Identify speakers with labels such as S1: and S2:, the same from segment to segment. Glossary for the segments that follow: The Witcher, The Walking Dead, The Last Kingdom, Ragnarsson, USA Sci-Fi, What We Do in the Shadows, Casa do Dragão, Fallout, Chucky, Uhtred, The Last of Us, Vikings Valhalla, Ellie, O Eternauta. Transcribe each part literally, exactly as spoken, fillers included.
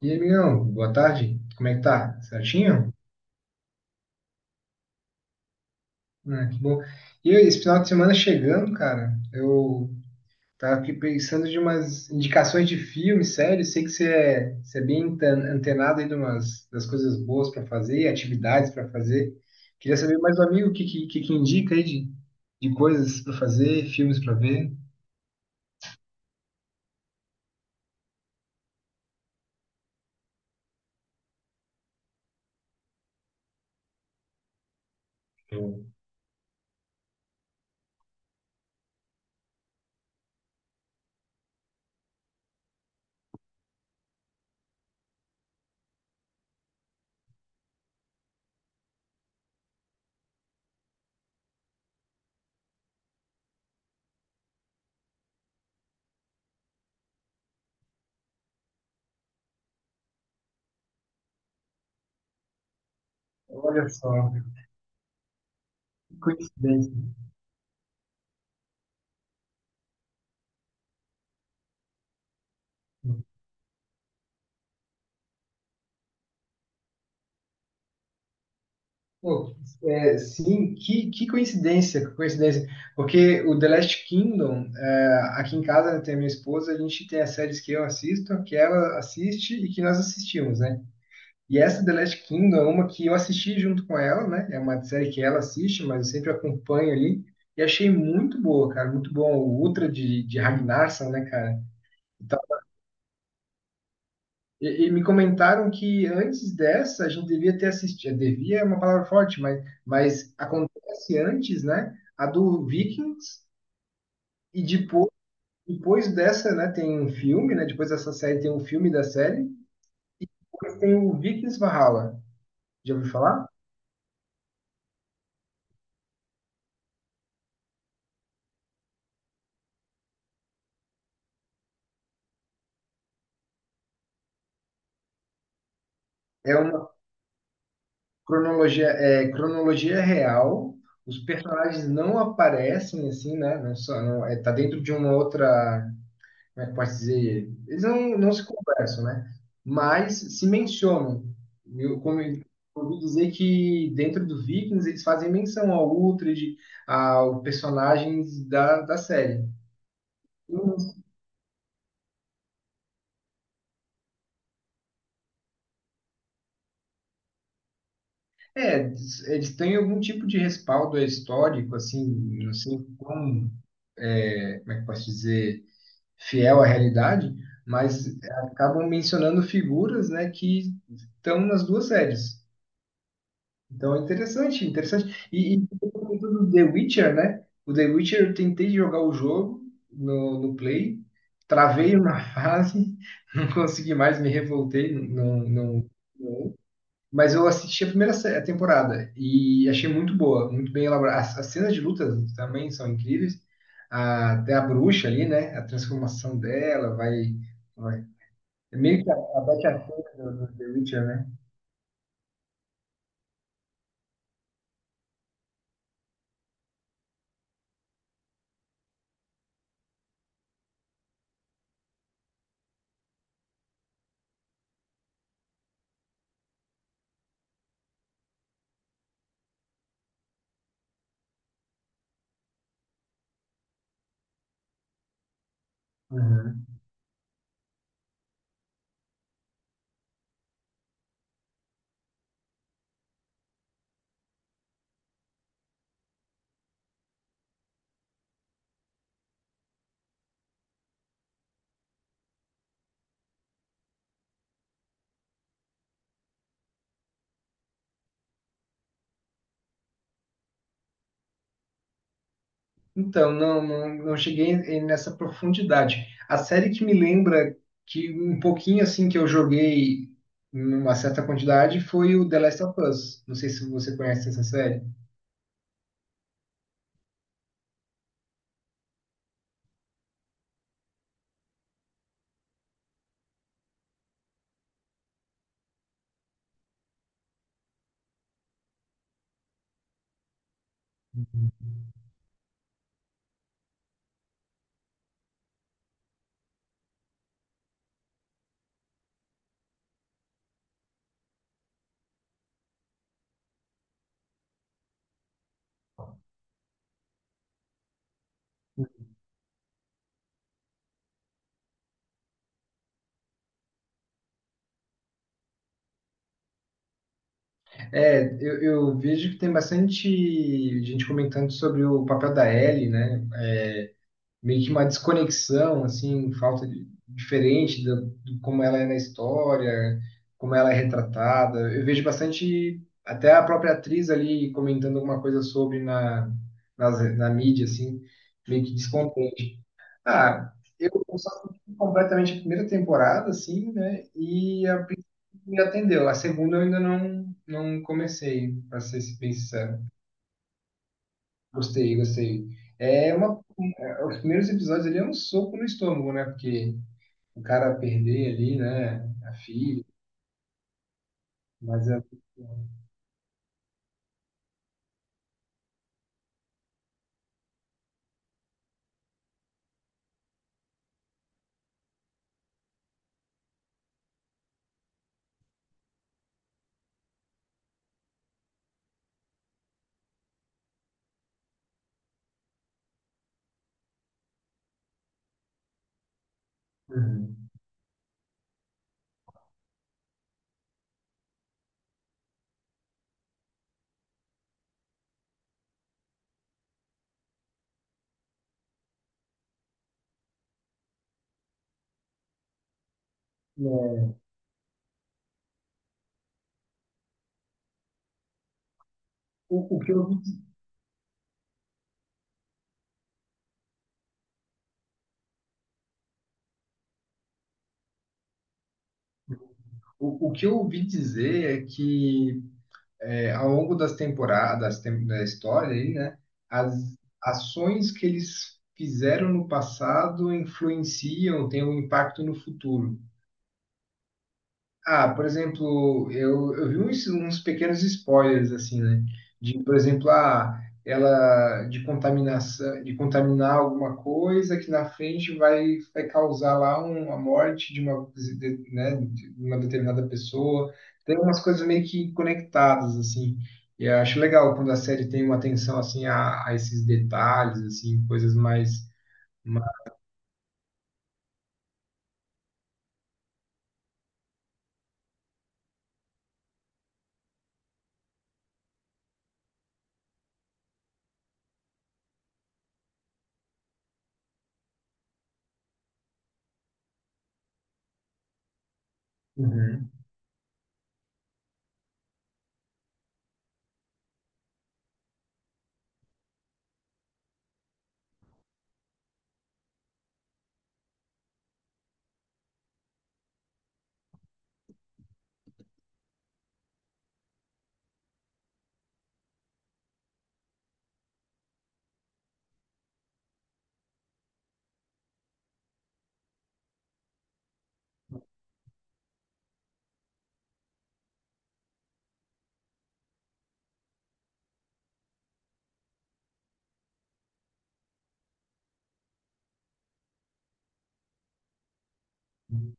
S1: E aí, amigão, boa tarde. Como é que tá? Certinho? Ah, que bom. E esse final de semana chegando, cara, eu tava aqui pensando de umas indicações de filme, série. Sei que você é, você é bem anten- antenado aí de umas, das coisas boas pra fazer e atividades pra fazer. Queria saber mais do amigo o que, que, que que indica aí de, de coisas pra fazer, filmes pra ver. Olha só, que coincidência. Pô, é, sim, que, que coincidência, que coincidência. Porque o The Last Kingdom, é, aqui em casa, né, tem a minha esposa, a gente tem as séries que eu assisto, que ela assiste e que nós assistimos, né? E essa The Last Kingdom é uma que eu assisti junto com ela, né? É uma série que ela assiste, mas eu sempre acompanho ali. E achei muito boa, cara, muito bom. O Ultra de, de Ragnarsson, né, cara? E, e me comentaram que antes dessa a gente devia ter assistido, devia é uma palavra forte, mas, mas acontece antes, né? A do Vikings e depois, depois dessa, né? Tem um filme, né? Depois dessa série tem um filme da série e depois tem o Vikings Valhalla. Já ouviu falar? É uma cronologia, é cronologia real. Os personagens não aparecem assim, né? Não só, não, é, tá dentro de uma outra, como é que posso dizer? Eles não, não se conversam, né? Mas se mencionam. Eu, como eu ouvi dizer que dentro do Vikings eles fazem menção ao Uhtred, ao personagens da, da série. É, eles têm algum tipo de respaldo histórico, assim, não sei como, é, como é que eu posso dizer, fiel à realidade, mas acabam mencionando figuras, né, que estão nas duas séries. Então é interessante, interessante. E, e você comentou do The Witcher, né? O The Witcher eu tentei jogar o jogo no, no Play, travei uma fase, não consegui mais, me revoltei, não, não, não. Mas eu assisti a primeira se- a temporada e achei muito boa, muito bem elaborada. As, as cenas de luta também são incríveis. A- até a bruxa ali, né? A transformação dela vai, vai. É meio que a, a Betty Arquette do, do The Witcher, né? Uhum. Então, não, não, não cheguei em- nessa profundidade. A série que me lembra que um pouquinho assim que eu joguei numa certa quantidade foi o The Last of Us. Não sei se você conhece essa série. É, eu, eu vejo que tem bastante gente comentando sobre o papel da Ellie, né? Meio que uma desconexão, assim, um falta de, diferente da- do, como ela é na história, como ela é retratada. Eu vejo bastante, até a própria atriz ali comentando alguma coisa sobre na, nas, na mídia, assim, meio que descontente. Ah, eu só assisti completamente a primeira temporada, assim, né, e a primeira me atendeu. A segunda eu ainda não, não comecei, para ser bem sincero. Gostei, gostei. É uma, os primeiros episódios ali é um soco no estômago, né? Porque o cara perder ali, né? A filha, mas é. Uhum. É, o, o que eu, ouvi- o, o que eu ouvi dizer é que é, ao longo das temporadas, tem- da história aí, né? As ações que eles fizeram no passado influenciam, têm um impacto no futuro. Ah, por exemplo, eu, eu vi uns, uns pequenos spoilers, assim, né? De, por exemplo, ah, ela de contaminação, de contaminar alguma coisa que na frente vai, vai causar lá uma morte de uma, de- né, de uma determinada pessoa. Tem umas coisas meio que conectadas, assim. E eu acho legal quando a série tem uma atenção, assim, a, a esses detalhes, assim, coisas mais... mais... Uhum.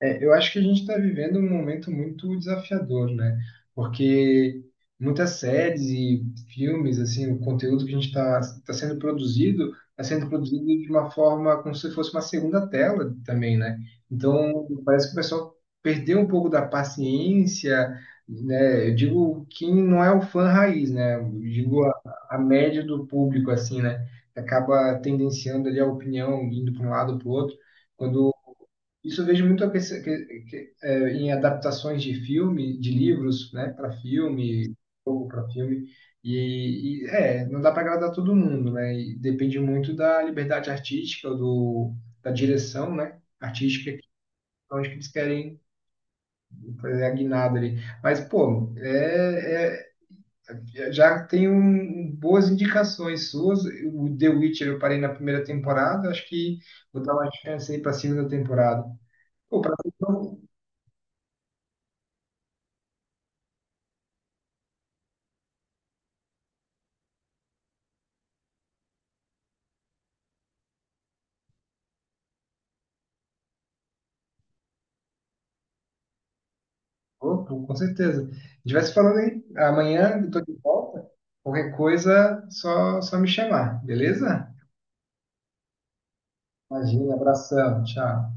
S1: É, eu acho que a gente está vivendo um momento muito desafiador, né? Porque muitas séries e filmes, assim, o conteúdo que a gente está tá tá sendo produzido, está sendo produzido de uma forma como se fosse uma segunda tela também, né? Então, parece que o pessoal perdeu um pouco da paciência, né? Eu digo quem não é o fã raiz, né? Eu digo a, a média do público, assim, né? Acaba tendenciando ali a opinião, indo para um lado para o outro quando isso eu vejo muito a que- que- é, em adaptações de filme, de livros, né, para filme, jogo para filme. E, e, é, não dá para agradar todo mundo, né? E depende muito da liberdade artística, do, da direção, né, artística, que- onde que eles querem fazer a guinada ali. Mas, pô, é, é- já tem um- boas indicações suas. O The Witcher eu parei na primeira temporada, acho que vou dar uma chance aí para a segunda temporada. Pô, pra Opa, com certeza. A gente vai se falando aí. Amanhã eu tô de volta. Qualquer coisa, só, só me chamar, beleza? Imagina, abração, tchau.